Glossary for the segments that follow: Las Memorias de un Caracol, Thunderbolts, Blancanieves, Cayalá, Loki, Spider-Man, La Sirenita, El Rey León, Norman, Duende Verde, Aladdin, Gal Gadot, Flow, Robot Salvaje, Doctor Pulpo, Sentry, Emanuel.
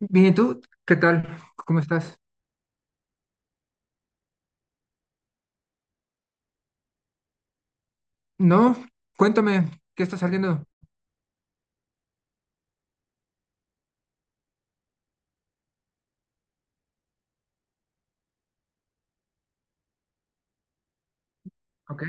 Bien, ¿y tú? ¿Qué tal? ¿Cómo estás? No, cuéntame, ¿qué está saliendo? Ok.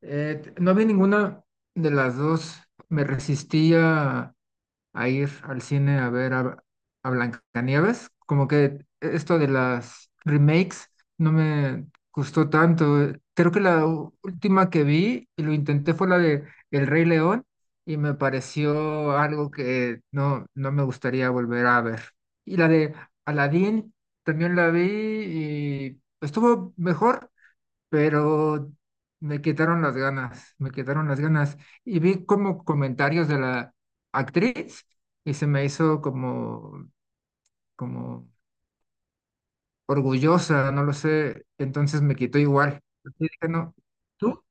No vi ninguna de las dos. Me resistía a ir al cine a a Blancanieves. Como que esto de las remakes no me gustó tanto. Creo que la última que vi y lo intenté fue la de El Rey León y me pareció algo que no, no me gustaría volver a ver. Y la de Aladdin también la vi y estuvo mejor, pero me quitaron las ganas, me quitaron las ganas. Y vi como comentarios de la actriz y se me hizo como, como orgullosa, no lo sé, entonces me quitó igual. Y dije, no, ¿tú?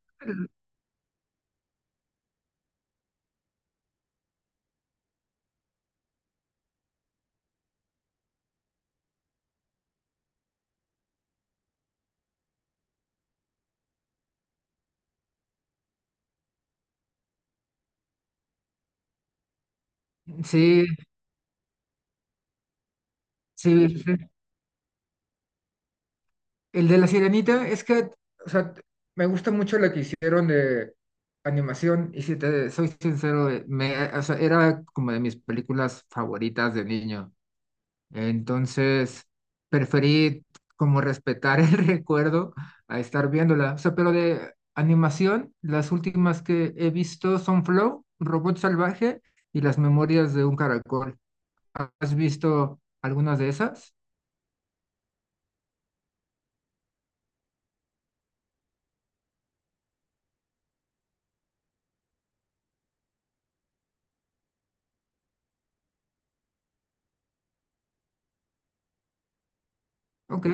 Sí, sí, sí. El de la Sirenita es que, o sea, me gusta mucho la que hicieron de animación y si te soy sincero, o sea, era como de mis películas favoritas de niño. Entonces, preferí como respetar el recuerdo a estar viéndola. O sea, pero de animación, las últimas que he visto son Flow, Robot Salvaje y Las Memorias de un Caracol. ¿Has visto algunas de esas? Ok,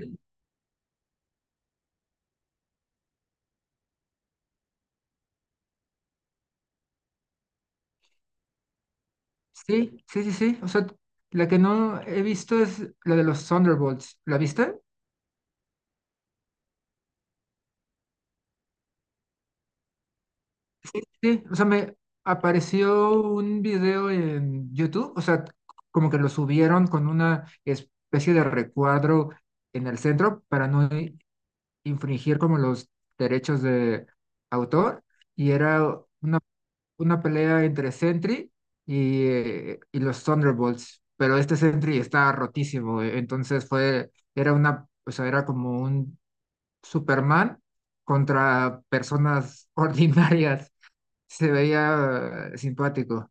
sí, sí, sí, sí. O sea, la que no he visto es la de los Thunderbolts. ¿La viste? Sí, o sea, me apareció un video en YouTube, o sea, como que lo subieron con una especie de recuadro en el centro para no infringir como los derechos de autor, y era una pelea entre Sentry y los Thunderbolts, pero este Sentry está rotísimo, entonces era una, o sea, era como un Superman contra personas ordinarias se veía simpático.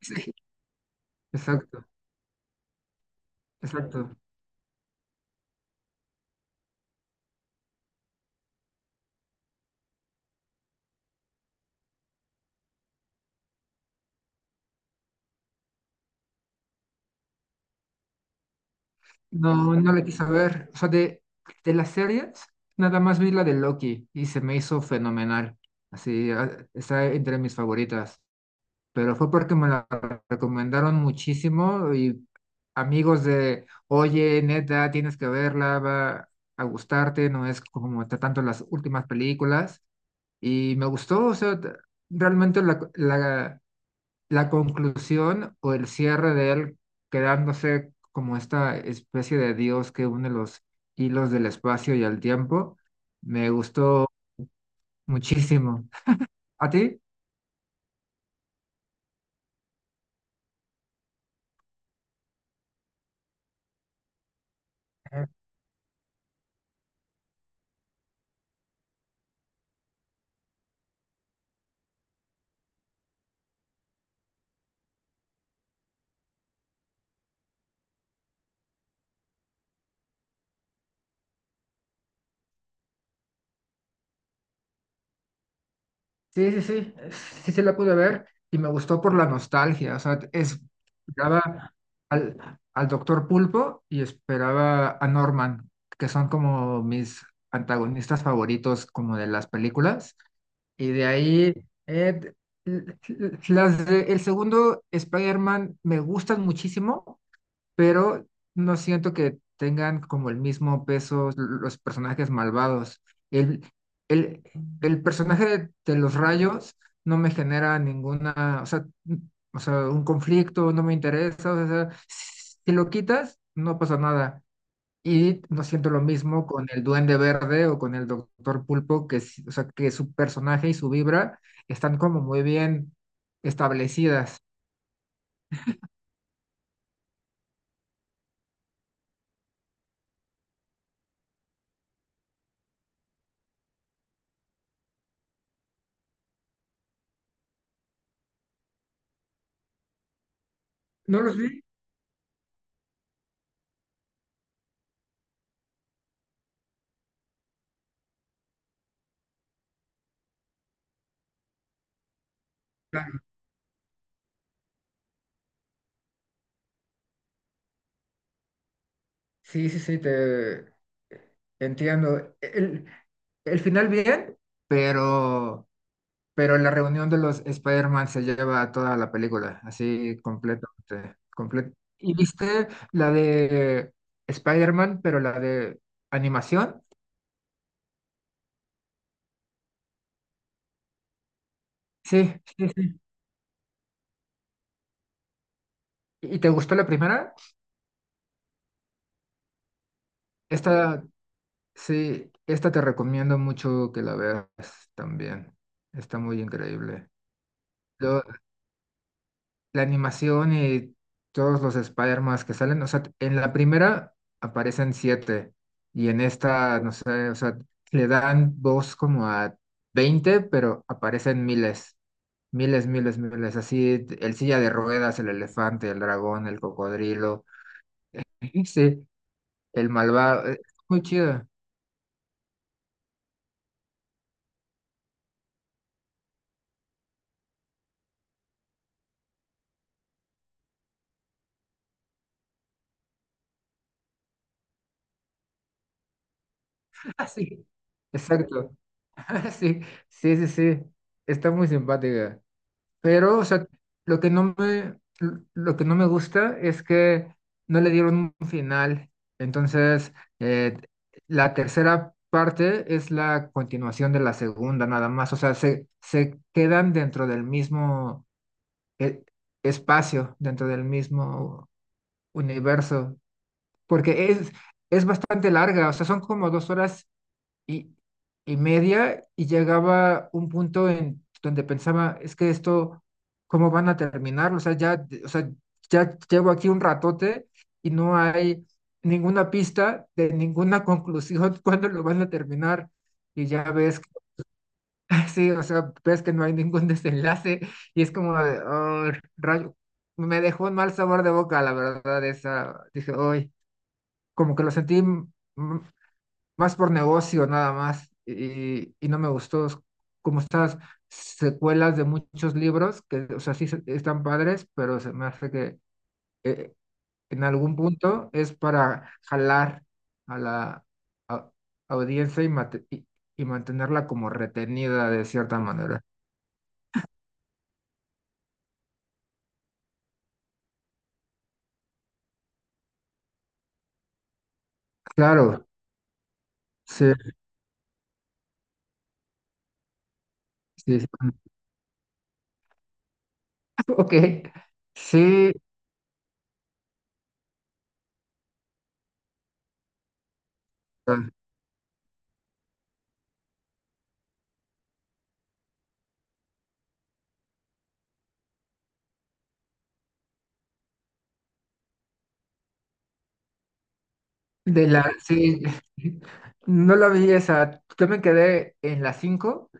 Sí, exacto, exacto. No, no la quise ver. O sea, de las series, nada más vi la de Loki y se me hizo fenomenal. Así, ah, está entre mis favoritas. Pero fue porque me la recomendaron muchísimo y amigos de, oye, neta, tienes que verla, va a gustarte, no es como tanto las últimas películas. Y me gustó, o sea, realmente la conclusión o el cierre de él quedándose como esta especie de dios que une los hilos del espacio y el tiempo, me gustó muchísimo. ¿A ti? Ajá. Sí, sí, sí, sí se la pude ver y me gustó por la nostalgia, o sea, esperaba al, al Doctor Pulpo y esperaba a Norman, que son como mis antagonistas favoritos como de las películas. Y de ahí, eh, el segundo Spider-Man me gustan muchísimo, pero no siento que tengan como el mismo peso los personajes malvados. El, el, el personaje de los rayos no me genera ninguna, o sea, o sea, un conflicto, no me interesa, o sea, si lo quitas, no pasa nada. Y no siento lo mismo con el Duende Verde o con el Doctor Pulpo, que, o sea, que su personaje y su vibra están como muy bien establecidas. No los vi. Claro. Sí, sí, sí, te entiendo. El final bien, pero, pero la reunión de los Spider-Man se lleva toda la película, así completamente, completo. ¿Y viste la de Spider-Man, pero la de animación? Sí, ¿y te gustó la primera? Esta, sí, esta te recomiendo mucho que la veas también. Está muy increíble. Lo- la animación y todos los Spider-Man que salen, o sea, en la primera aparecen siete y en esta, no sé, o sea, le dan voz como a 20, pero aparecen miles, miles, miles, miles. Así, el silla de ruedas, el elefante, el dragón, el cocodrilo. Sí, el malvado. Muy chido. Ah, sí, exacto. Sí, sí, sí, sí. Está muy simpática. Pero, o sea, lo que no me, lo que no me gusta es que no le dieron un final. Entonces, eh, la tercera parte es la continuación de la segunda, nada más. O sea, se quedan dentro del mismo eh, espacio, dentro del mismo universo. Porque es bastante larga. O sea, son como dos horas y, y media y llegaba un punto en donde pensaba, es que esto, ¿cómo van a terminar? O sea, ya, o sea, ya llevo aquí un ratote y no hay ninguna pista de ninguna conclusión cuándo lo van a terminar. Y ya ves, sí, o sea, ves que no hay ningún desenlace y es como de, "Oh, rayo." Me dejó un mal sabor de boca, la verdad, esa, dije, hoy, como que lo sentí más por negocio nada más y no me gustó, es como estas secuelas de muchos libros que, o sea, están padres, pero se me hace que eh, en algún punto es para jalar a la a- audiencia y y mantenerla como retenida de cierta manera. Claro, sí, sí, sí. Ok, sí, sí, no la vi esa, yo me quedé en la cinco.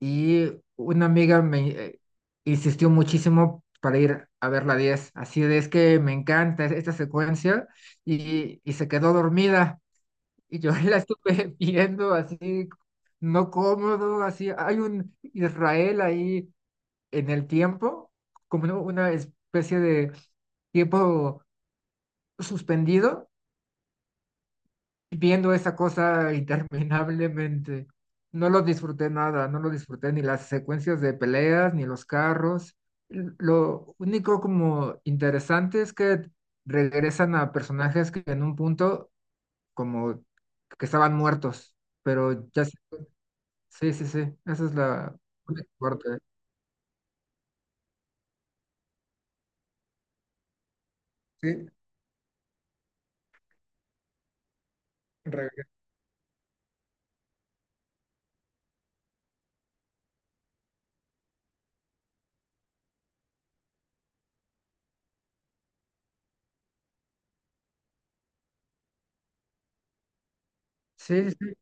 Y una amiga me insistió muchísimo para ir a ver la diez, así de es que me encanta esta secuencia y se quedó dormida. Y yo la estuve viendo así, no cómodo, así. Hay un Israel ahí en el tiempo, como una especie de tiempo suspendido viendo esa cosa interminablemente. No lo disfruté nada, no lo disfruté ni las secuencias de peleas, ni los carros. Lo único como interesante es que regresan a personajes que en un punto como que estaban muertos, pero sí, sí, sí, esa es la única parte. Sí, regre- sí, sí.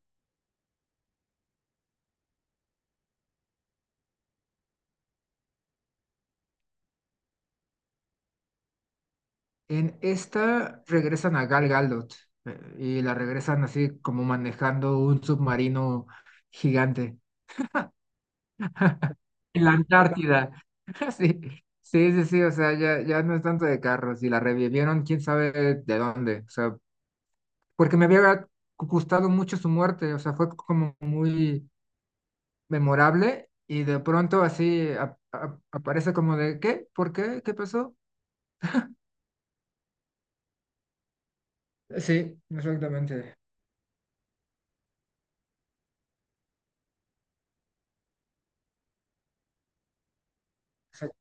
En esta regresan a Gal Gadot y la regresan así como manejando un submarino gigante. En la Antártida. Sí, sí, sí, sí, o sea, ya, ya no es tanto de carros y la revivieron, quién sabe de dónde, o sea, porque me había gustado mucho su muerte, o sea, fue como muy memorable y de pronto así aparece como de, ¿qué? ¿Por qué? ¿Qué pasó? Sí, exactamente. Exacto.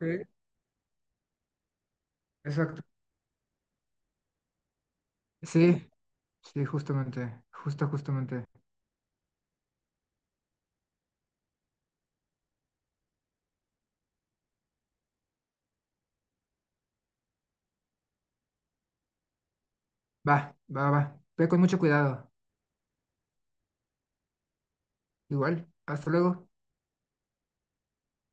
Sí, exacto. Sí, sí, justamente, justo, justamente. Va, va, va. Ve con mucho cuidado. Igual, hasta luego.